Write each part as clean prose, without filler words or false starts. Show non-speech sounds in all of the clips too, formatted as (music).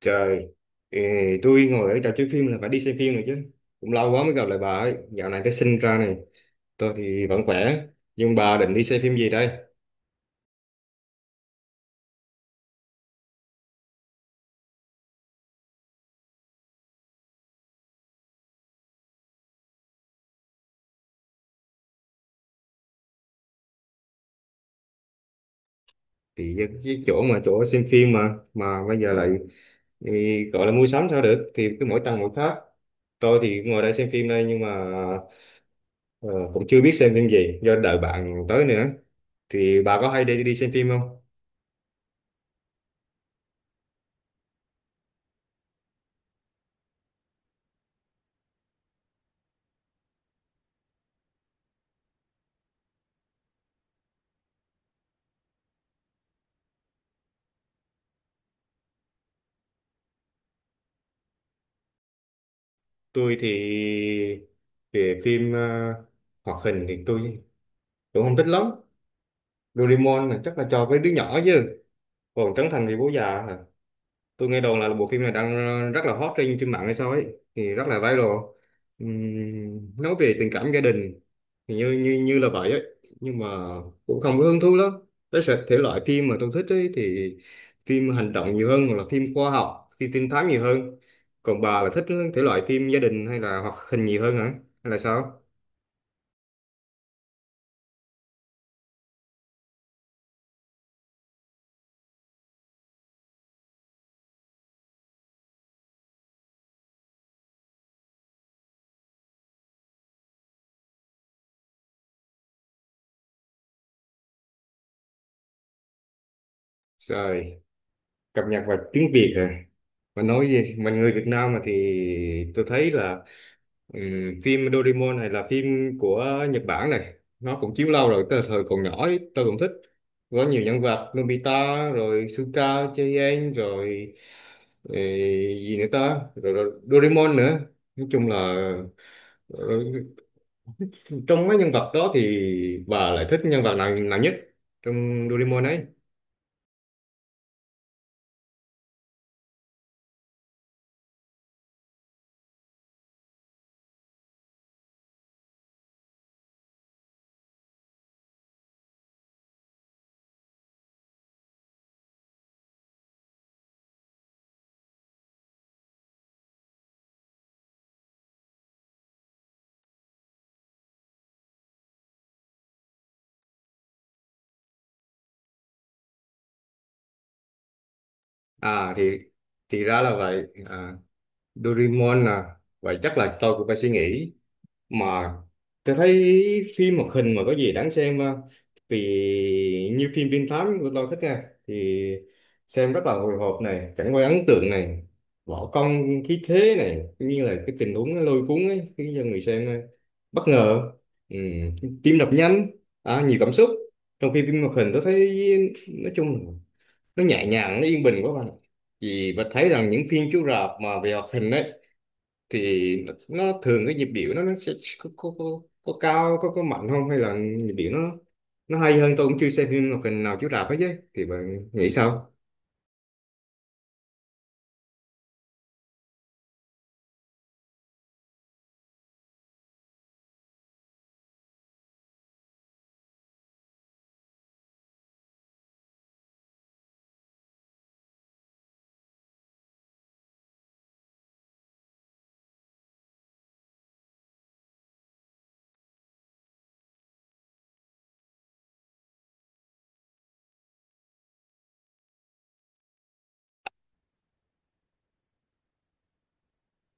Trời, ừ, tôi ngồi ở trò chơi phim là phải đi xem phim rồi chứ. Cũng lâu quá mới gặp lại bà ấy. Dạo này cái sinh ra này, tôi thì vẫn khỏe. Nhưng bà định đi xem phim gì đây? Thì cái chỗ mà chỗ xem phim mà bây giờ lại ừ, gọi là mua sắm sao được? Thì cứ mỗi tầng mỗi khác. Tôi thì ngồi đây xem phim đây nhưng mà ờ, cũng chưa biết xem phim gì do đợi bạn tới nữa. Thì bà có hay đi đi xem phim không? Tôi thì về phim hoạt hình thì tôi cũng không thích lắm. Doraemon là chắc là cho với đứa nhỏ chứ còn Trấn Thành thì bố già à. Tôi nghe đồn là bộ phim này đang rất là hot trên trên mạng hay sao ấy, thì rất là viral. Nói về tình cảm gia đình thì như như như là vậy ấy, nhưng mà cũng không có hứng thú lắm. Thể loại phim mà tôi thích ấy thì phim hành động nhiều hơn hoặc là phim khoa học, phim trinh thám nhiều hơn. Còn bà là thích thể loại phim gia đình hay là hoạt hình nhiều hơn hả, hay là sao? Trời, cập nhật vào tiếng Việt hả? Mà nói gì mình người Việt Nam mà, thì tôi thấy là ừ, phim Doraemon này là phim của Nhật Bản này. Nó cũng chiếu lâu rồi, từ thời còn nhỏ ấy, tôi cũng thích. Có nhiều nhân vật Nobita rồi Suka Chien rồi ừ, gì nữa ta, rồi, rồi Doraemon nữa. Nói chung là ừ, trong mấy nhân vật đó thì bà lại thích nhân vật nào nào nhất trong Doraemon ấy? À thì ra là vậy à, Doraemon à. Vậy chắc là tôi cũng phải suy nghĩ. Mà tôi thấy phim hoạt hình mà có gì đáng xem ha. Vì như phim Trinh Thám của tôi thích nha, thì xem rất là hồi hộp này, cảnh quay ấn tượng này, võ công khí thế này, cũng như là cái tình huống nó lôi cuốn ấy, khiến cho người xem bất ngờ. Ừ, tim đập nhanh, à, nhiều cảm xúc. Trong khi phim hoạt hình tôi thấy nói chung là nó nhẹ nhàng, nó yên bình quá bạn ạ. Vì và thấy rằng những phim chiếu rạp mà về hoạt hình ấy thì nó thường cái nhịp điệu nó sẽ có, có, có, có cao, có mạnh không, hay là nhịp điệu nó hay hơn. Tôi cũng chưa xem phim hoạt hình nào chiếu rạp hết chứ, thì bạn nghĩ sao?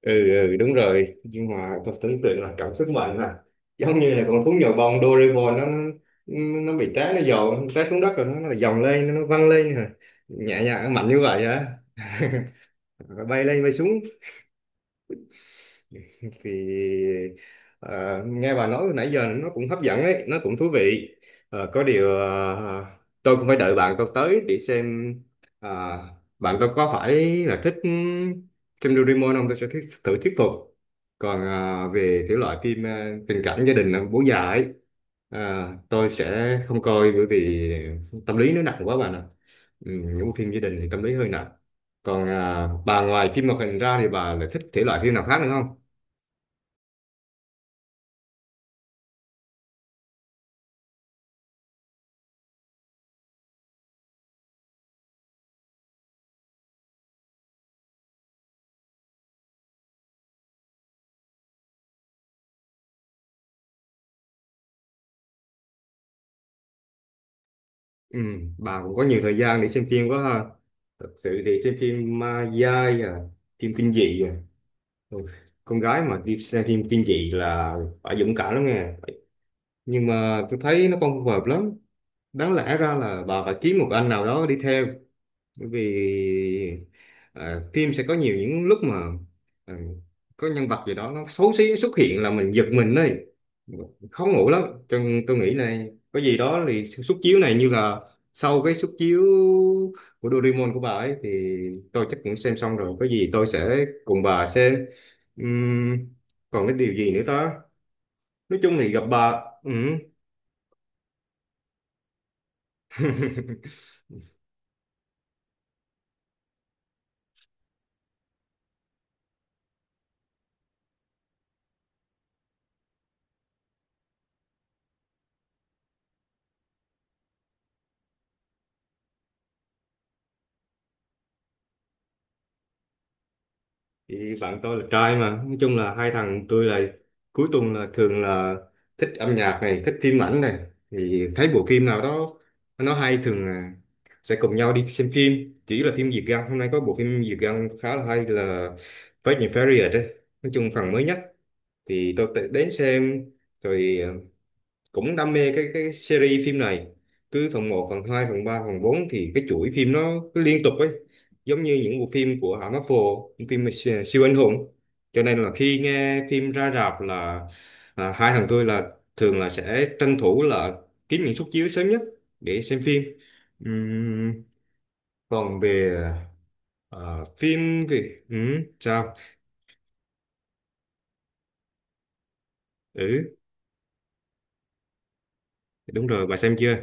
Ừ, ừ đúng rồi, nhưng mà tôi tưởng tượng là cảm xúc mạnh à, giống như là con thú nhồi bông Doraemon nó, nó bị té, nó dồn té xuống đất, rồi nó dòng lên, nó văng lên à. Nhẹ nhàng mạnh như vậy hả? (laughs) Bay lên bay xuống. Thì ờ, nghe bà nói nãy giờ nó cũng hấp dẫn ấy, nó cũng thú vị. Ờ, có điều tôi cũng phải đợi bạn tôi tới để xem, ờ, bạn tôi có phải là thích phim Doraemon không, thử thuyết phục. Còn về thể loại phim tình cảm gia đình, bố già ấy, tôi sẽ không coi, bởi vì tâm lý nó nặng quá bạn ạ. Ừ, những bộ phim gia đình thì tâm lý hơi nặng. Còn à, bà ngoài phim hoạt hình ra thì bà lại thích thể loại phim nào khác nữa không? Ừ, bà cũng có nhiều thời gian để xem phim quá ha. Thật sự thì xem phim ma dai à, phim kinh dị à. Ừ, con gái mà đi xem phim kinh dị là phải dũng cảm lắm nghe. Nhưng mà tôi thấy nó không phù hợp lắm. Đáng lẽ ra là bà phải kiếm một anh nào đó đi theo, bởi vì à, phim sẽ có nhiều những lúc mà à, có nhân vật gì đó nó xấu xí xuất hiện là mình giật mình đấy, khó ngủ lắm. Cho nên tôi nghĩ này, có gì đó thì suất chiếu này như là sau cái suất chiếu của Doraemon của bà ấy thì tôi chắc cũng xem xong rồi, có gì tôi sẽ cùng bà xem. Ừm, còn cái điều gì nữa ta, nói chung thì gặp bà. Ừ. (laughs) Thì bạn tôi là trai, mà nói chung là hai thằng tôi là cuối tuần là thường là thích âm nhạc này, thích phim ảnh này, thì thấy bộ phim nào đó nó hay thường là sẽ cùng nhau đi xem phim. Chỉ là phim Việt Nam, hôm nay có bộ phim Việt Nam khá là hay là Fast and Furious đấy, nói chung phần mới nhất, thì tôi tự đến xem. Rồi cũng đam mê cái series phim này, cứ phần một phần 2 phần 3 phần bốn, thì cái chuỗi phim nó cứ liên tục ấy, giống như những bộ phim của hãng Marvel, những phim siêu anh hùng. Cho nên là khi nghe phim ra rạp là à, hai thằng tôi là thường là sẽ tranh thủ là kiếm những suất chiếu sớm nhất để xem phim. Ừm, còn về à, phim thì sao? Ừ đúng rồi, bà xem chưa?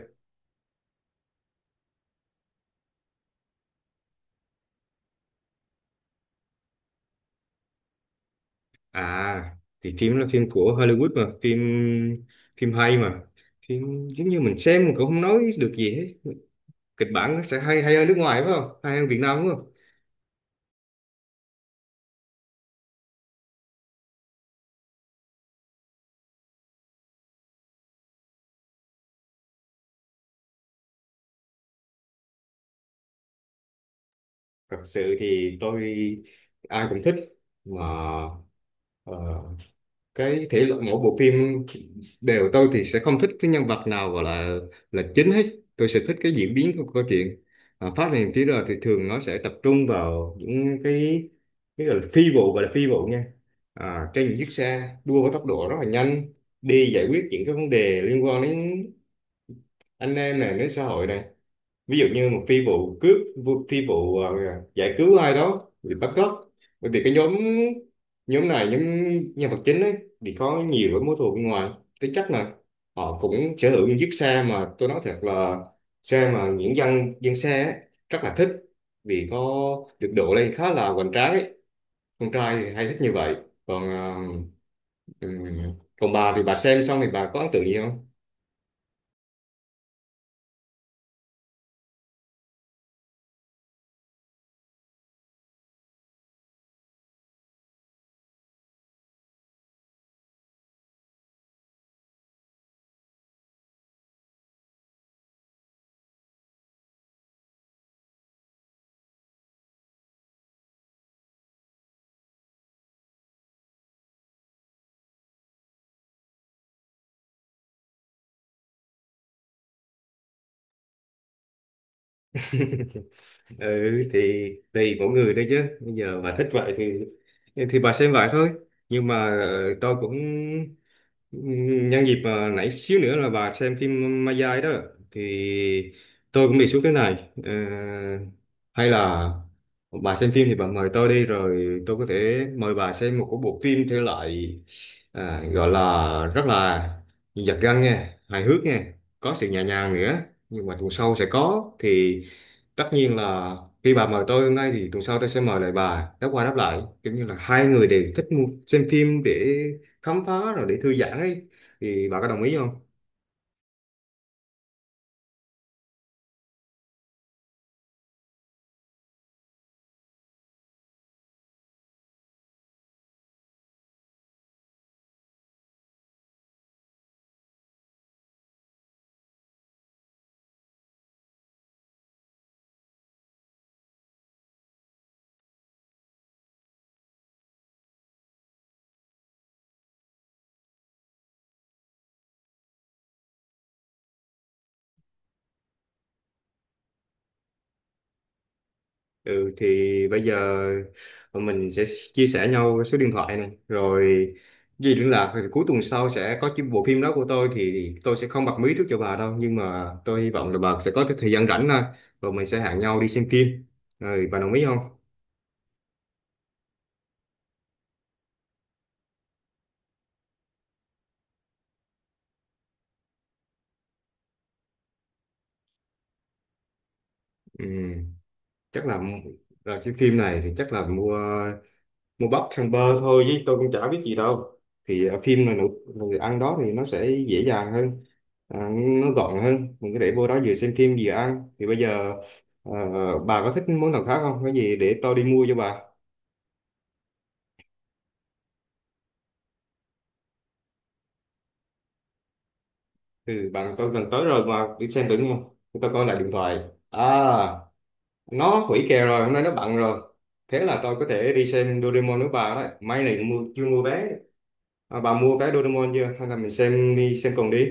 À thì phim là phim của Hollywood mà, phim phim hay mà, phim giống như mình xem mình cũng không nói được gì hết. Kịch bản nó sẽ hay, hay hơn nước ngoài phải không, hay hơn Việt Nam đúng không? Thật sự thì tôi ai cũng thích, mà ờ, cái thể loại mỗi bộ phim đều tôi thì sẽ không thích cái nhân vật nào gọi là chính hết. Tôi sẽ thích cái diễn biến của câu chuyện, à, phát hiện phía rồi thì thường nó sẽ tập trung vào những cái gọi là phi vụ, gọi là phi vụ nha, à, trên những chiếc xe đua với tốc độ rất là nhanh, đi giải quyết những cái vấn đề liên quan đến anh em này, đến xã hội này. Ví dụ như một phi vụ cướp, phi vụ giải cứu ai đó bị bắt cóc, bởi vì cái nhóm, nhóm này nhóm nhân vật chính ấy thì có nhiều cái mối thù bên ngoài. Thế chắc là họ cũng sở hữu những chiếc xe mà tôi nói thật là xe mà những dân dân xe ấy, rất là thích, vì có được độ lên khá là hoành tráng ấy. Con trai thì hay thích như vậy. Còn ừm, còn bà thì bà xem xong thì bà có ấn tượng gì không? Ừ thì tùy mỗi người đấy chứ, bây giờ bà thích vậy thì bà xem vậy thôi. Nhưng mà tôi cũng nhân dịp à, nãy xíu nữa là bà xem phim Ma Dai đó thì tôi cũng đề xuất thế này. Ờ, hay là bà xem phim thì bà mời tôi đi, rồi tôi có thể mời bà xem một cái bộ phim thể loại à, gọi là rất là giật gân nha, hài hước nha, có sự nhẹ nhàng nữa, nhưng mà tuần sau sẽ có, thì tất nhiên là khi bà mời tôi hôm nay thì tuần sau tôi sẽ mời lại bà, đáp qua đáp lại, kiểu như là hai người đều thích xem phim để khám phá rồi để thư giãn ấy. Thì bà có đồng ý không? Ừ thì bây giờ mình sẽ chia sẻ nhau cái số điện thoại này rồi gì liên lạc, rồi cuối tuần sau sẽ có cái bộ phim đó của tôi thì tôi sẽ không bật mí trước cho bà đâu, nhưng mà tôi hy vọng là bà sẽ có cái thời gian rảnh thôi, rồi mình sẽ hẹn nhau đi xem phim, rồi bà đồng ý không? Ừ, chắc là cái phim này thì chắc là mua, mua bắp thằng bơ thôi chứ tôi cũng chả biết gì đâu. Thì ở phim là nụ người ăn đó thì nó sẽ dễ dàng hơn, à, nó gọn hơn, mình có thể vô đó vừa xem phim vừa ăn. Thì bây giờ ờ, bà có thích món nào khác không, có gì để tôi đi mua cho bà. Ừ bạn tôi gần tới rồi mà, đi xem thử đúng không? Để tôi coi lại điện thoại. À, nó hủy kèo rồi, hôm nay nó bận rồi. Thế là tôi có thể đi xem Doraemon với bà đấy, may này mua chưa mua vé. À, bà mua vé Doraemon chưa, hay là mình xem đi xem cùng đi?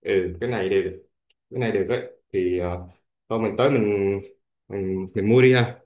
Ừ cái này đều được. Cái này được đấy. Thì thôi mình tới mình mình mua đi ha.